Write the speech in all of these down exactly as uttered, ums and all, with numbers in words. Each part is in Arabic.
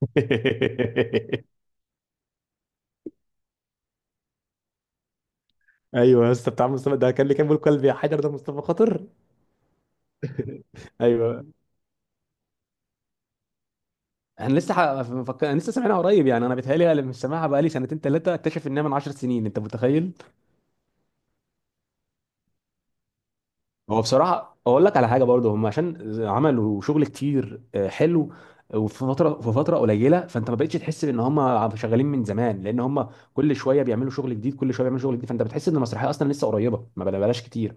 ايوه يا اسطى. بتاع مصطفى ده كان اللي كان بيقول كلب يا حجر، ده مصطفى خاطر. ايوه. انا لسه ح... مفكر... انا لسه سامعها قريب، يعني انا بيتهيألي انا مش سامعها بقالي سنتين ثلاثه، اكتشف انها من عشر سنين، انت متخيل. هو بصراحه اقول لك على حاجه برضه، هم عشان عملوا شغل كتير آه، حلو. وفي فتره في فتره قليله، فانت ما بقتش تحس ان هم شغالين من زمان، لان هم كل شويه بيعملوا شغل جديد كل شويه بيعملوا شغل جديد، فانت بتحس ان المسرحيه اصلا لسه قريبه. ما بلا- بلاش كتير.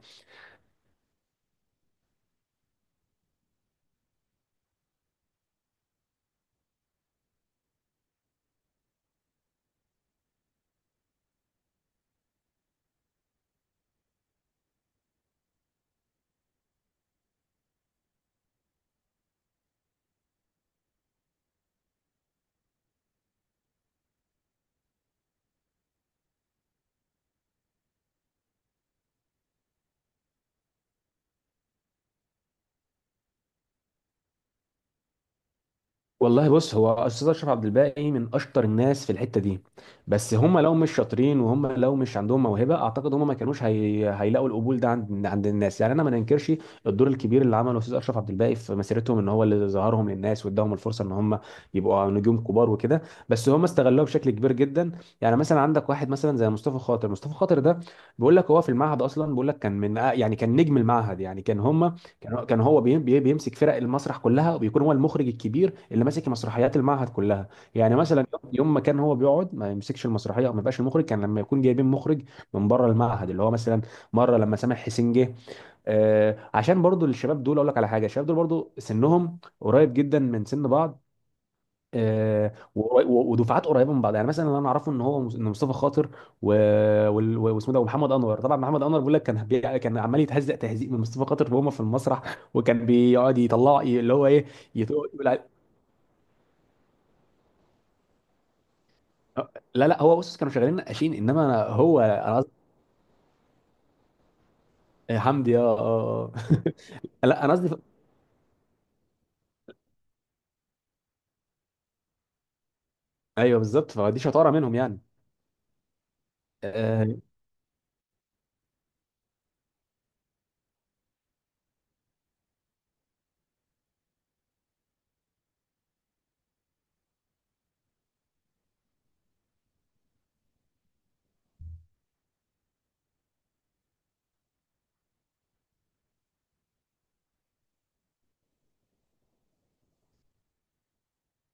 والله بص، هو استاذ اشرف عبد الباقي من اشطر الناس في الحته دي، بس هم لو مش شاطرين وهم لو مش عندهم موهبه اعتقد هم ما كانوش هي... هيلاقوا القبول ده عند عند الناس. يعني انا ما ننكرش الدور الكبير اللي عمله استاذ اشرف عبد الباقي في مسيرتهم، ان هو اللي ظهرهم للناس واداهم الفرصه ان هم يبقوا نجوم كبار وكده، بس هم استغلوها بشكل كبير جدا. يعني مثلا عندك واحد مثلا زي مصطفى خاطر. مصطفى خاطر ده بيقول لك هو في المعهد اصلا، بيقول لك كان من يعني كان نجم المعهد، يعني كان هم كان كان هو بي- بي- بيمسك فرق المسرح كلها، وبيكون هو المخرج الكبير اللي ماسك مسرحيات المعهد كلها. يعني مثلا يوم ما كان هو بيقعد ما يمسكش المسرحيه او ما يبقاش المخرج، كان لما يكون جايبين مخرج من بره المعهد، اللي هو مثلا مره لما سامح حسين جه. آه عشان برضو الشباب دول اقول لك على حاجه، الشباب دول برضو سنهم قريب جدا من سن بعض، آه و- و- ودفعات قريبه من بعض. يعني مثلا اللي انا اعرفه ان هو ان مصطفى خاطر و- وال- واسمه ده، ومحمد انور. طبعا محمد انور بيقول لك كان بي- كان عمال يتهزق تهزيق من مصطفى خاطر وهما في المسرح، وكان بيقعد يطلع اللي هو ايه، يقول. لا لا، هو بص كانوا شغالين نقاشين، انما أنا هو انا قصدي. حمدي، اه اه. آه. لا انا قصدي. ايوه بالظبط، فدي شطاره منهم يعني. آه،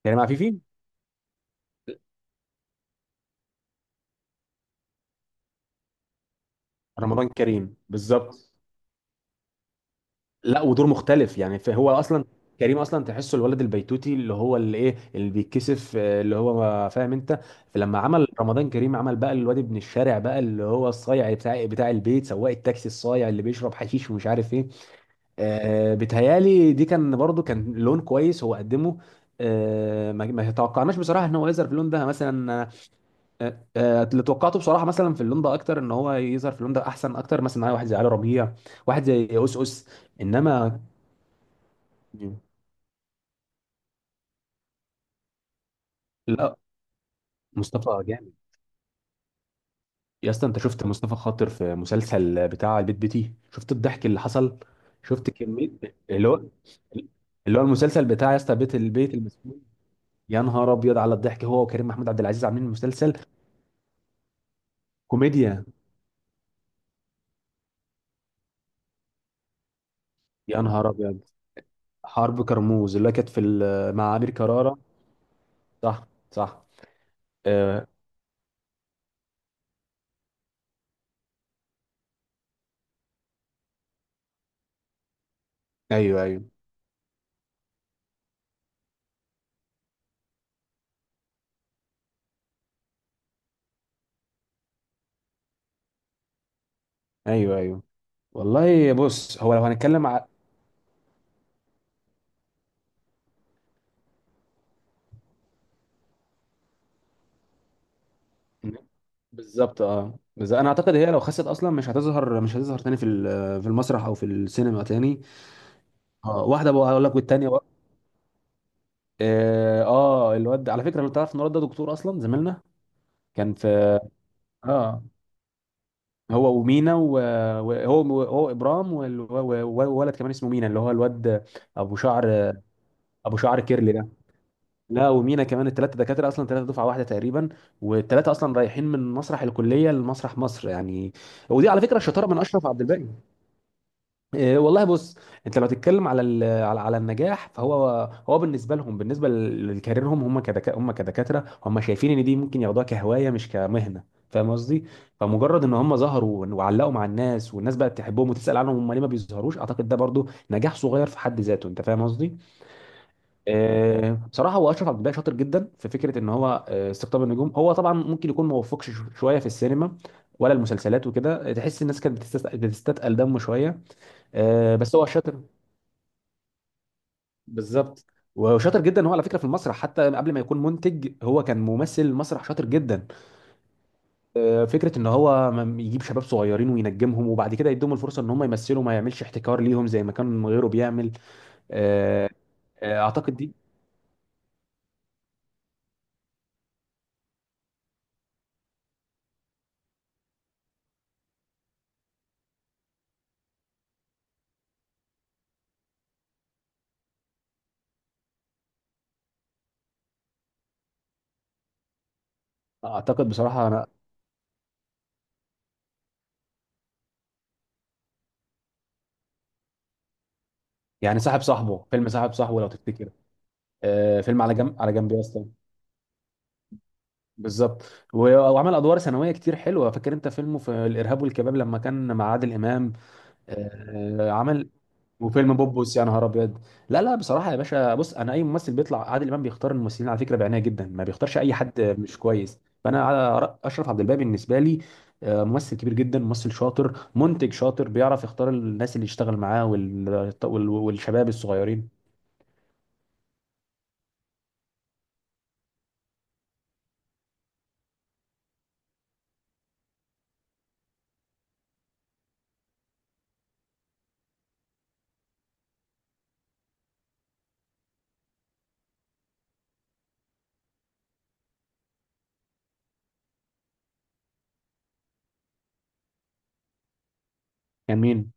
كريم عفيفي. رمضان كريم بالظبط. لا، ودور مختلف يعني، فهو اصلا كريم اصلا تحسه الولد البيتوتي، اللي هو اللي ايه، اللي بيتكسف، آه، اللي هو ما- فاهم انت. فلما عمل رمضان كريم عمل بقى الواد ابن الشارع بقى، اللي هو الصايع بتاع بتاع البيت، سواق التاكسي الصايع اللي بيشرب حشيش ومش عارف ايه. آه، بيتهيالي دي كان برضو كان لون كويس هو قدمه. آه، ما ما توقعناش بصراحه ان هو يظهر في اللون ده مثلا. آه، آه، اللي توقعته بصراحه مثلا في اللون ده اكتر، ان هو يظهر في اللون ده احسن اكتر مثلا، معايا واحد زي علي ربيع، واحد زي أوس أوس. انما لا، مصطفى جامد. يا اسطى انت شفت مصطفى خاطر في مسلسل بتاع البيت بيتي، شفت الضحك اللي حصل، شفت كميه، اللي هو اللي هو المسلسل بتاع يا اسطى بيت البيت المسكون. يا نهار ابيض على الضحك، هو وكريم محمود عبد العزيز عاملين مسلسل كوميديا. يا نهار ابيض، حرب كرموز اللي كانت في ال- مع امير كرارة. صح صح. آه. ايوه ايوه ايوه ايوه. والله بص هو لو هنتكلم ع... بالظبط. اه، بس انا اعتقد هي لو خست اصلا مش هتظهر مش هتظهر تاني في ال- في المسرح او في السينما تاني. اه، واحده بقى اقول لك والتانيه بقى. اه. آه، الواد على فكره لو تعرف ان الواد ده دكتور اصلا زميلنا، كان في. اه، هو ومينا، وهو هو هو ابرام، والولد كمان اسمه مينا اللي هو الواد ابو شعر، ابو شعر كيرلي ده. لا، ومينا كمان، الثلاثه دكاتره اصلا، ثلاثه دفعه واحده تقريبا، والثلاثه اصلا رايحين من مسرح الكليه لمسرح مصر يعني. ودي على فكره شطاره من اشرف عبد الباقي. إيه والله بص، انت لو تتكلم على ال- على على النجاح، فهو هو بالنسبه لهم، بالنسبه ل- لكاريرهم، هم كدكا هم كدكاتره، هم شايفين ان دي ممكن ياخدوها كهوايه مش كمهنه، فاهم قصدي. فمجرد ان هم ظهروا وعلقوا مع الناس، والناس بقت تحبهم وتسال عنهم هم ليه ما بيظهروش، اعتقد ده برضو نجاح صغير في حد ذاته، انت فاهم قصدي. آه، بصراحه هو اشرف عبد الباقي شاطر جدا في فكره ان هو آه، استقطاب النجوم. هو طبعا ممكن يكون ما وفقش شو- شويه في السينما ولا المسلسلات وكده، تحس الناس كانت بتستس- بتستثقل دمه شويه. آه، بس هو شاطر بالظبط، وشاطر جدا هو على فكره في المسرح، حتى قبل ما يكون منتج هو كان ممثل المسرح شاطر جدا. آه، فكره ان هو م- يجيب شباب صغيرين وينجمهم، وبعد كده يديهم الفرصه ان هم يمثلوا، ما يعملش احتكار ليهم زي ما كان غيره بيعمل. آه، آه، اعتقد دي اعتقد بصراحه انا. يعني صاحب صاحبه، فيلم صاحب صاحبه لو تفتكر. آه فيلم على جنب، على جنب يا اسطى، بالظبط. و- وعمل ادوار ثانويه كتير حلوه، فاكر انت فيلمه في الارهاب والكباب لما كان مع عادل امام. آه عمل، وفيلم بوبوس يا نهار ابيض. لا لا بصراحه يا باشا بص، انا اي ممثل بيطلع عادل امام بيختار الممثلين على فكره بعنايه جدا، ما بيختارش اي حد مش كويس، فانا على رأ- اشرف عبد الباقي بالنسبه لي آه، ممثل كبير جدا، ممثل شاطر، منتج شاطر، بيعرف يختار الناس اللي يشتغل معاه وال... وال... والشباب الصغيرين. كان مين؟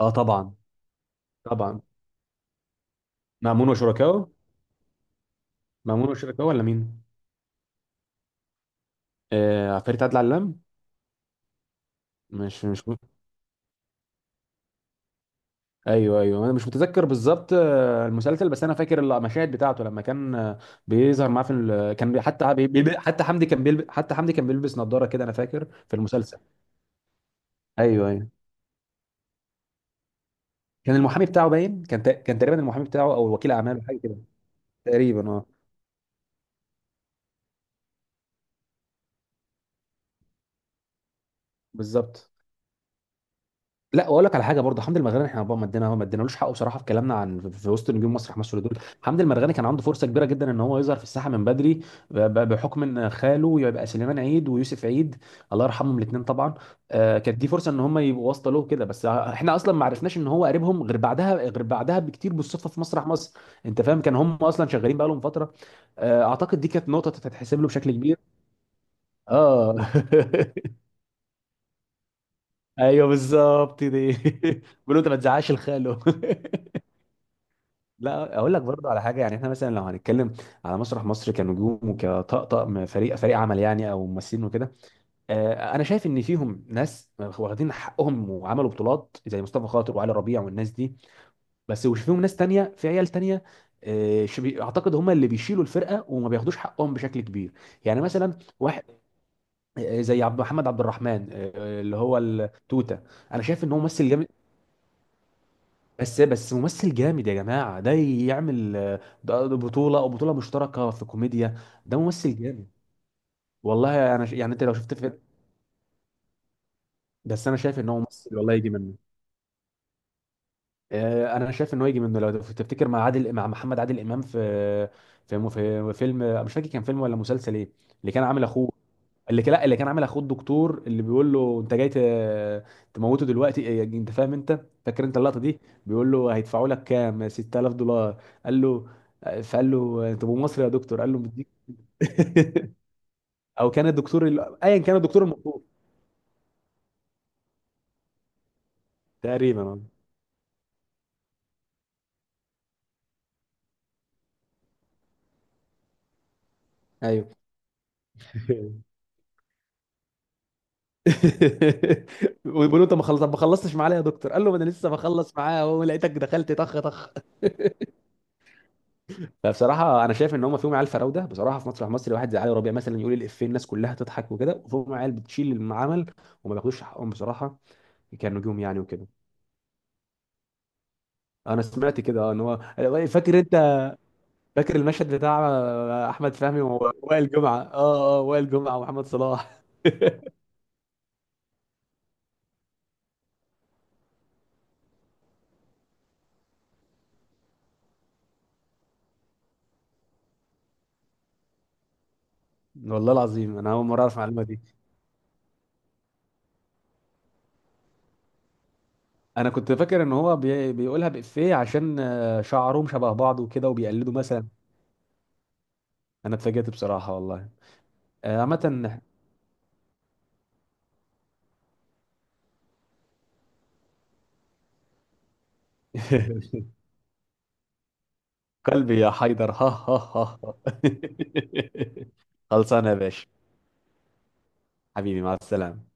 اه طبعا. طبعا، مأمون وشركائه. مأمون وشركائه ولا مين؟ آه فريق عدل علام. مش مش م... ايوه ايوه، انا مش متذكر بالظبط آه، المسلسل، بس انا فاكر المشاهد بتاعته لما كان آه، بيظهر معاه في ال... كان بي- حتى بي... بي... حتى حمدي كان بيلب... حتى حمدي كان بيلبس نظارة كده، انا فاكر في المسلسل. ايوه ايوه، كان المحامي بتاعه باين، كان ت... كان تقريبا المحامي بتاعه، او وكيل اعماله حاجه كده تقريبا. اه، بالظبط. لا واقول لك على حاجه برضه، حمدي المرغني احنا بقى ما ادينا ما ادينالوش حقه بصراحه في كلامنا عن، في في وسط نجوم مسرح مصر دول، حمدي المرغني كان عنده فرصه كبيره جدا ان هو يظهر في الساحه من بدري، ب- ب- بحكم ان خاله يبقى سليمان عيد ويوسف عيد، الله يرحمهم الاثنين طبعا. آه، كانت دي فرصه ان هم يبقوا واسطه له كده، بس احنا اصلا ما عرفناش ان هو قريبهم غير بعدها، غير بعدها بكتير بالصدفه في مسرح مصر، انت فاهم. كان هم اصلا شغالين بقى لهم فتره. آه، اعتقد دي كانت نقطه تتحسب له بشكل كبير. اه. ايوه بالظبط دي. بيقولوا انت ما تزعقش الخاله. لا اقول لك برضه على حاجه، يعني احنا مثلا لو هنتكلم على مسرح مصر كنجوم وكطقطق م- فريق فريق عمل، يعني او ممثلين وكده، آه، انا شايف ان فيهم ناس واخدين حقهم وعملوا بطولات زي مصطفى خاطر وعلي ربيع والناس دي، بس وش فيهم ناس تانية في عيال تانية. آه، ش- بي- اعتقد هم اللي بيشيلوا الفرقه وما بياخدوش حقهم بشكل كبير. يعني مثلا واحد آه، زي عبد محمد عبد الرحمن، آه، آه، اللي هو التوته، انا شايف ان هو ممثل جامد. بس بس ممثل جامد يا جماعة، ده يعمل آه، ده ده بطولة أو بطولة مشتركة في كوميديا، ده ممثل جامد. والله أنا ش... يعني أنت لو شفت في... بس أنا شايف إن هو ممثل، والله يجي منه. آه، انا شايف ان هو يجي منه لو تفتكر، مع عادل مع محمد عادل امام في في في فيلم، مش فاكر كان فيلم ولا مسلسل ايه، اللي كان عامل اخوه، اللي كان لا اللي كان عامل اخوه الدكتور اللي بيقول له انت جاي ت- تموته دلوقتي، إيه، إيه، انت فاهم انت، فاكر انت اللقطه دي. بيقول له هيدفعوا لك كام، ستة آلاف دولار قال له، فقال له انت ابو مصري يا دكتور، قال له مديك. او كان الدكتور ال- ايا كان الدكتور المطلوب، تقريبا. آه. ايوه. وبيقول له انت ما خلصت ما خلصتش معاه ليه يا دكتور، قال له ما انا لسه بخلص معاه اهو لقيتك دخلت طخ طخ. فبصراحه انا شايف ان هم فيهم عيال فراوده بصراحه في مسرح مصر، واحد زي علي ربيع مثلا يقول الافيه الناس كلها تضحك وكده، وفيهم عيال بتشيل العمل وما بياخدوش حقهم بصراحه كنجوم يعني وكده. انا سمعت كده، اه، ان هو. فاكر انت، فاكر المشهد بتاع احمد فهمي ووائل جمعه، اه اه، وائل جمعه ومحمد صلاح. والله العظيم انا اول مره اعرف المعلومه. انا كنت فاكر ان هو بي... بيقولها بإفيه عشان آه، شعرهم شبه بعض وكده وبيقلدوا مثلا. انا اتفاجئت بصراحة والله. آه، عامة. قلبي يا حيدر. ها ها ها. ها. خلصانة يا باشا، حبيبي مع السلامة.